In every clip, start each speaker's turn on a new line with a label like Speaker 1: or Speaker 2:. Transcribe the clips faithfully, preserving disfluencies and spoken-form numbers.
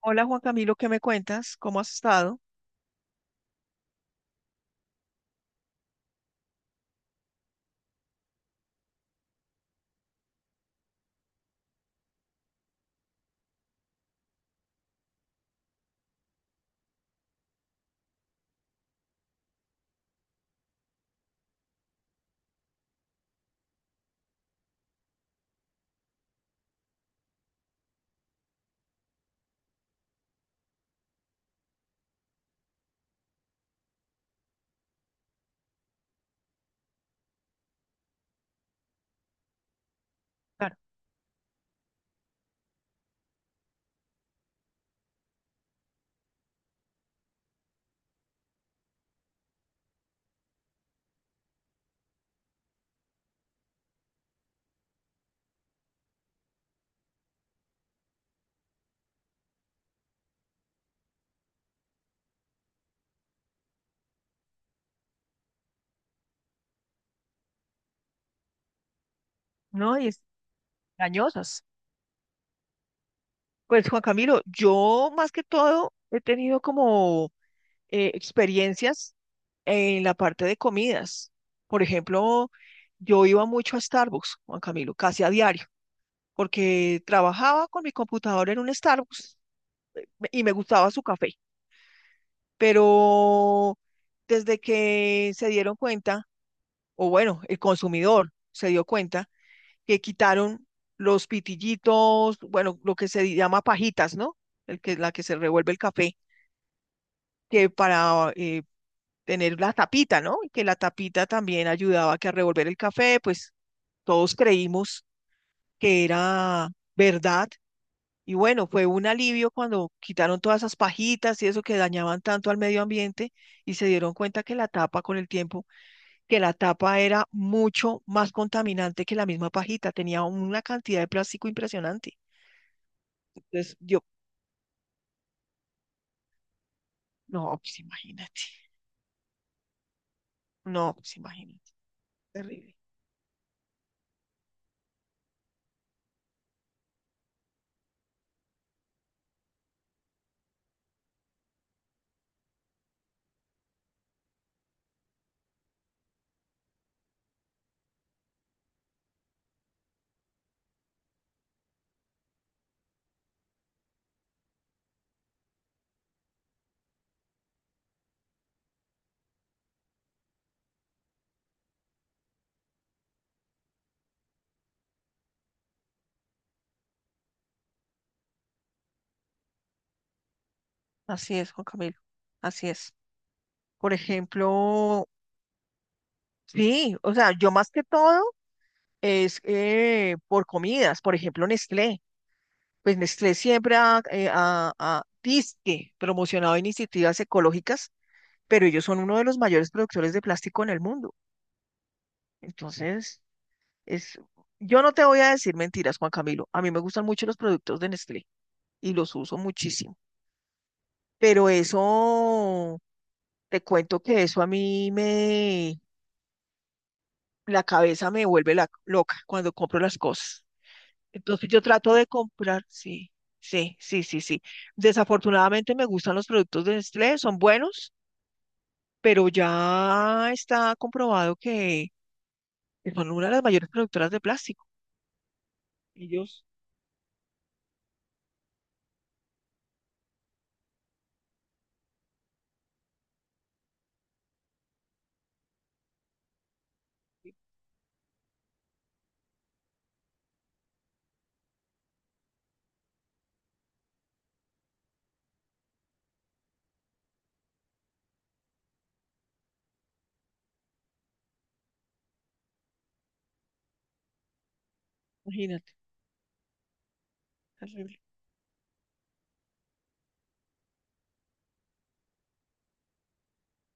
Speaker 1: Hola Juan Camilo, ¿qué me cuentas? ¿Cómo has estado? Claro, no, y es engañosas. Pues Juan Camilo, yo más que todo he tenido como eh, experiencias en la parte de comidas. Por ejemplo, yo iba mucho a Starbucks, Juan Camilo, casi a diario, porque trabajaba con mi computadora en un Starbucks me- y me gustaba su café. Pero desde que se dieron cuenta, o bueno, el consumidor se dio cuenta, que quitaron los pitillitos, bueno, lo que se llama pajitas, ¿no? El que, la que se revuelve el café, que para eh, tener la tapita, ¿no? Y que la tapita también ayudaba a que a revolver el café, pues todos creímos que era verdad. Y bueno, fue un alivio cuando quitaron todas esas pajitas y eso que dañaban tanto al medio ambiente y se dieron cuenta que la tapa con el tiempo, que la tapa era mucho más contaminante que la misma pajita, tenía una cantidad de plástico impresionante. Entonces, yo, no, pues imagínate, no, pues imagínate, terrible. Así es, Juan Camilo, así es. Por ejemplo, sí, o sea, yo más que todo es eh, por comidas, por ejemplo, Nestlé. Pues Nestlé siempre ha, eh, ha- ha dizque promocionado iniciativas ecológicas, pero ellos son uno de los mayores productores de plástico en el mundo. Entonces, es, yo no te voy a decir mentiras, Juan Camilo. A mí me gustan mucho los productos de Nestlé y los uso muchísimo. Pero eso, te cuento que eso a mí me, la cabeza me vuelve la- loca cuando compro las cosas. Entonces yo trato de comprar, sí, sí, sí, sí, sí. Desafortunadamente me gustan los productos de Nestlé, son buenos, pero ya está comprobado que son una de las mayores productoras de plástico. Ellos, imagínate, terrible.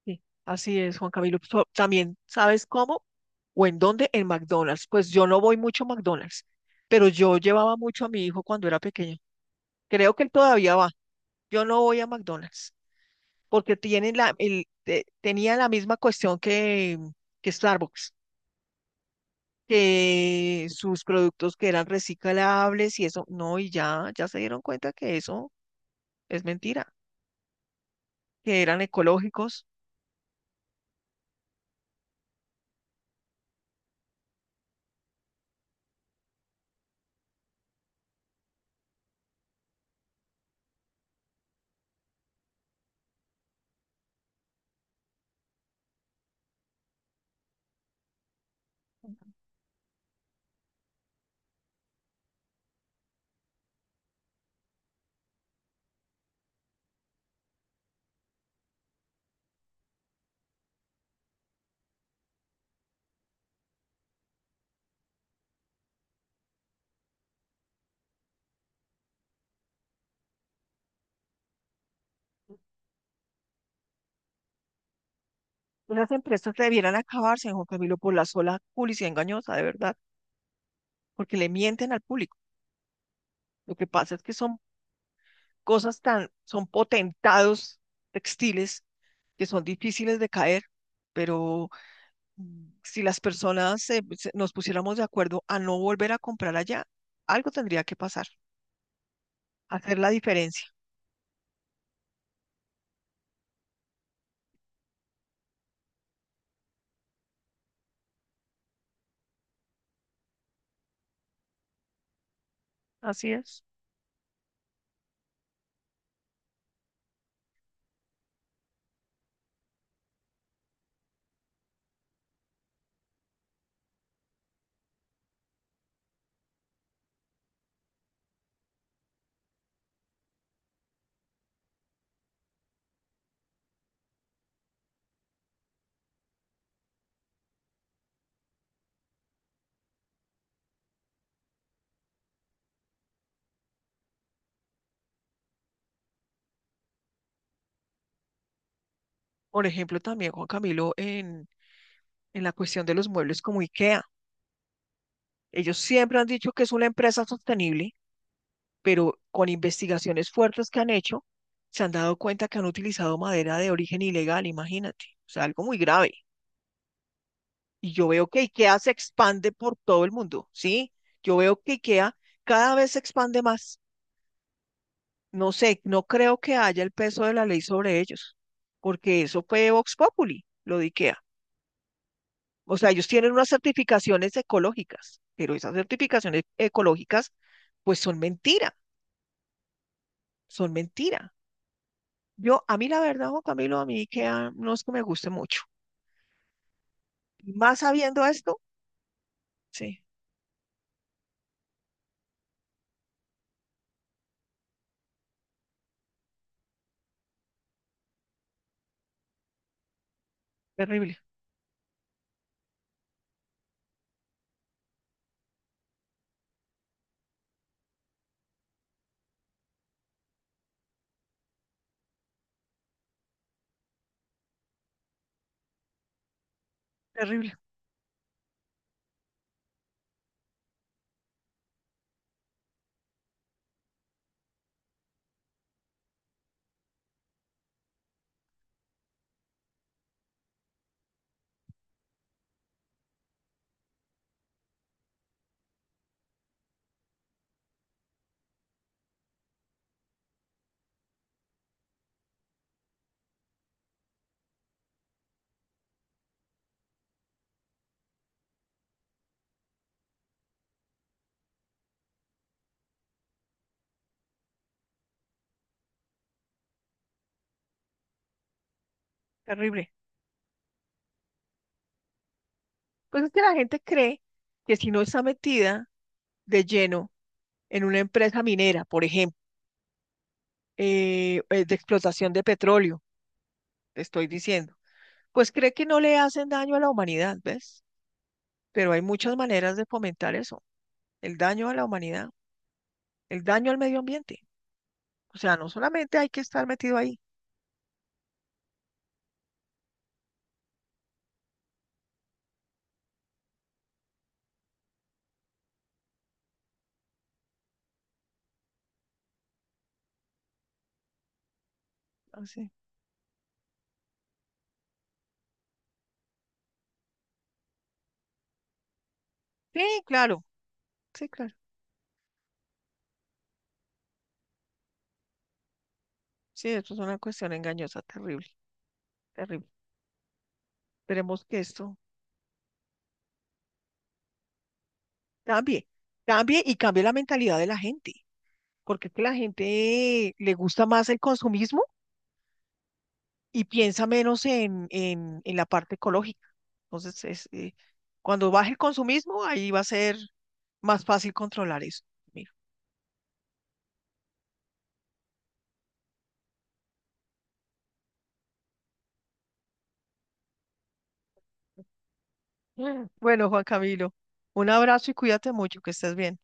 Speaker 1: Sí, así es, Juan Camilo. So- También, ¿sabes cómo? ¿O en dónde? En McDonald's. Pues yo no voy mucho a McDonald's, pero yo llevaba mucho a mi hijo cuando era pequeño. Creo que él todavía va. Yo no voy a McDonald's porque tiene la, el, te- tenía la misma cuestión que, que Starbucks, que sus productos que eran reciclables y eso. No, y ya, ya se dieron cuenta que eso es mentira, que eran ecológicos. Esas empresas debieran acabarse, Juan Camilo, por la sola publicidad engañosa, de verdad. Porque le mienten al público. Lo que pasa es que son cosas tan, son potentados textiles que son difíciles de caer, pero mm, si las personas eh, se- nos pusiéramos de acuerdo a no volver a comprar allá, algo tendría que pasar, hacer la diferencia. Así es. Por ejemplo, también Juan Camilo en, en la cuestión de los muebles como IKEA. Ellos siempre han dicho que es una empresa sostenible pero con investigaciones fuertes que han hecho, se han dado cuenta que han utilizado madera de origen ilegal, imagínate, o sea, algo muy grave. Y yo veo que IKEA se expande por todo el mundo, ¿sí? Yo veo que IKEA cada vez se expande más. No sé, no creo que haya el peso de la ley sobre ellos, porque eso fue Vox Populi, lo de IKEA. O sea, ellos tienen unas certificaciones ecológicas, pero esas certificaciones ecológicas, pues son mentira, son mentira. Yo, a mí la verdad, Juan Camilo, a mí IKEA no es que me guste mucho. Y más sabiendo esto, sí, terrible, terrible, terrible. Pues es que la gente cree que si no está metida de lleno en una empresa minera, por ejemplo, eh, eh, de explotación de petróleo, te estoy diciendo, pues cree que no le hacen daño a la humanidad, ¿ves? Pero hay muchas maneras de fomentar eso, el daño a la humanidad, el daño al medio ambiente. O sea, no solamente hay que estar metido ahí. Así. Sí, claro, sí, claro. Sí, esto es una cuestión engañosa, terrible, terrible. Esperemos que esto cambie, cambie y cambie la mentalidad de la gente, porque es que la gente le gusta más el consumismo y piensa menos en, en, en la parte ecológica. Entonces, es, eh, cuando baje el consumismo, ahí va a ser más fácil controlar eso. Mira. Mm. Bueno, Juan Camilo, un abrazo y cuídate mucho, que estés bien.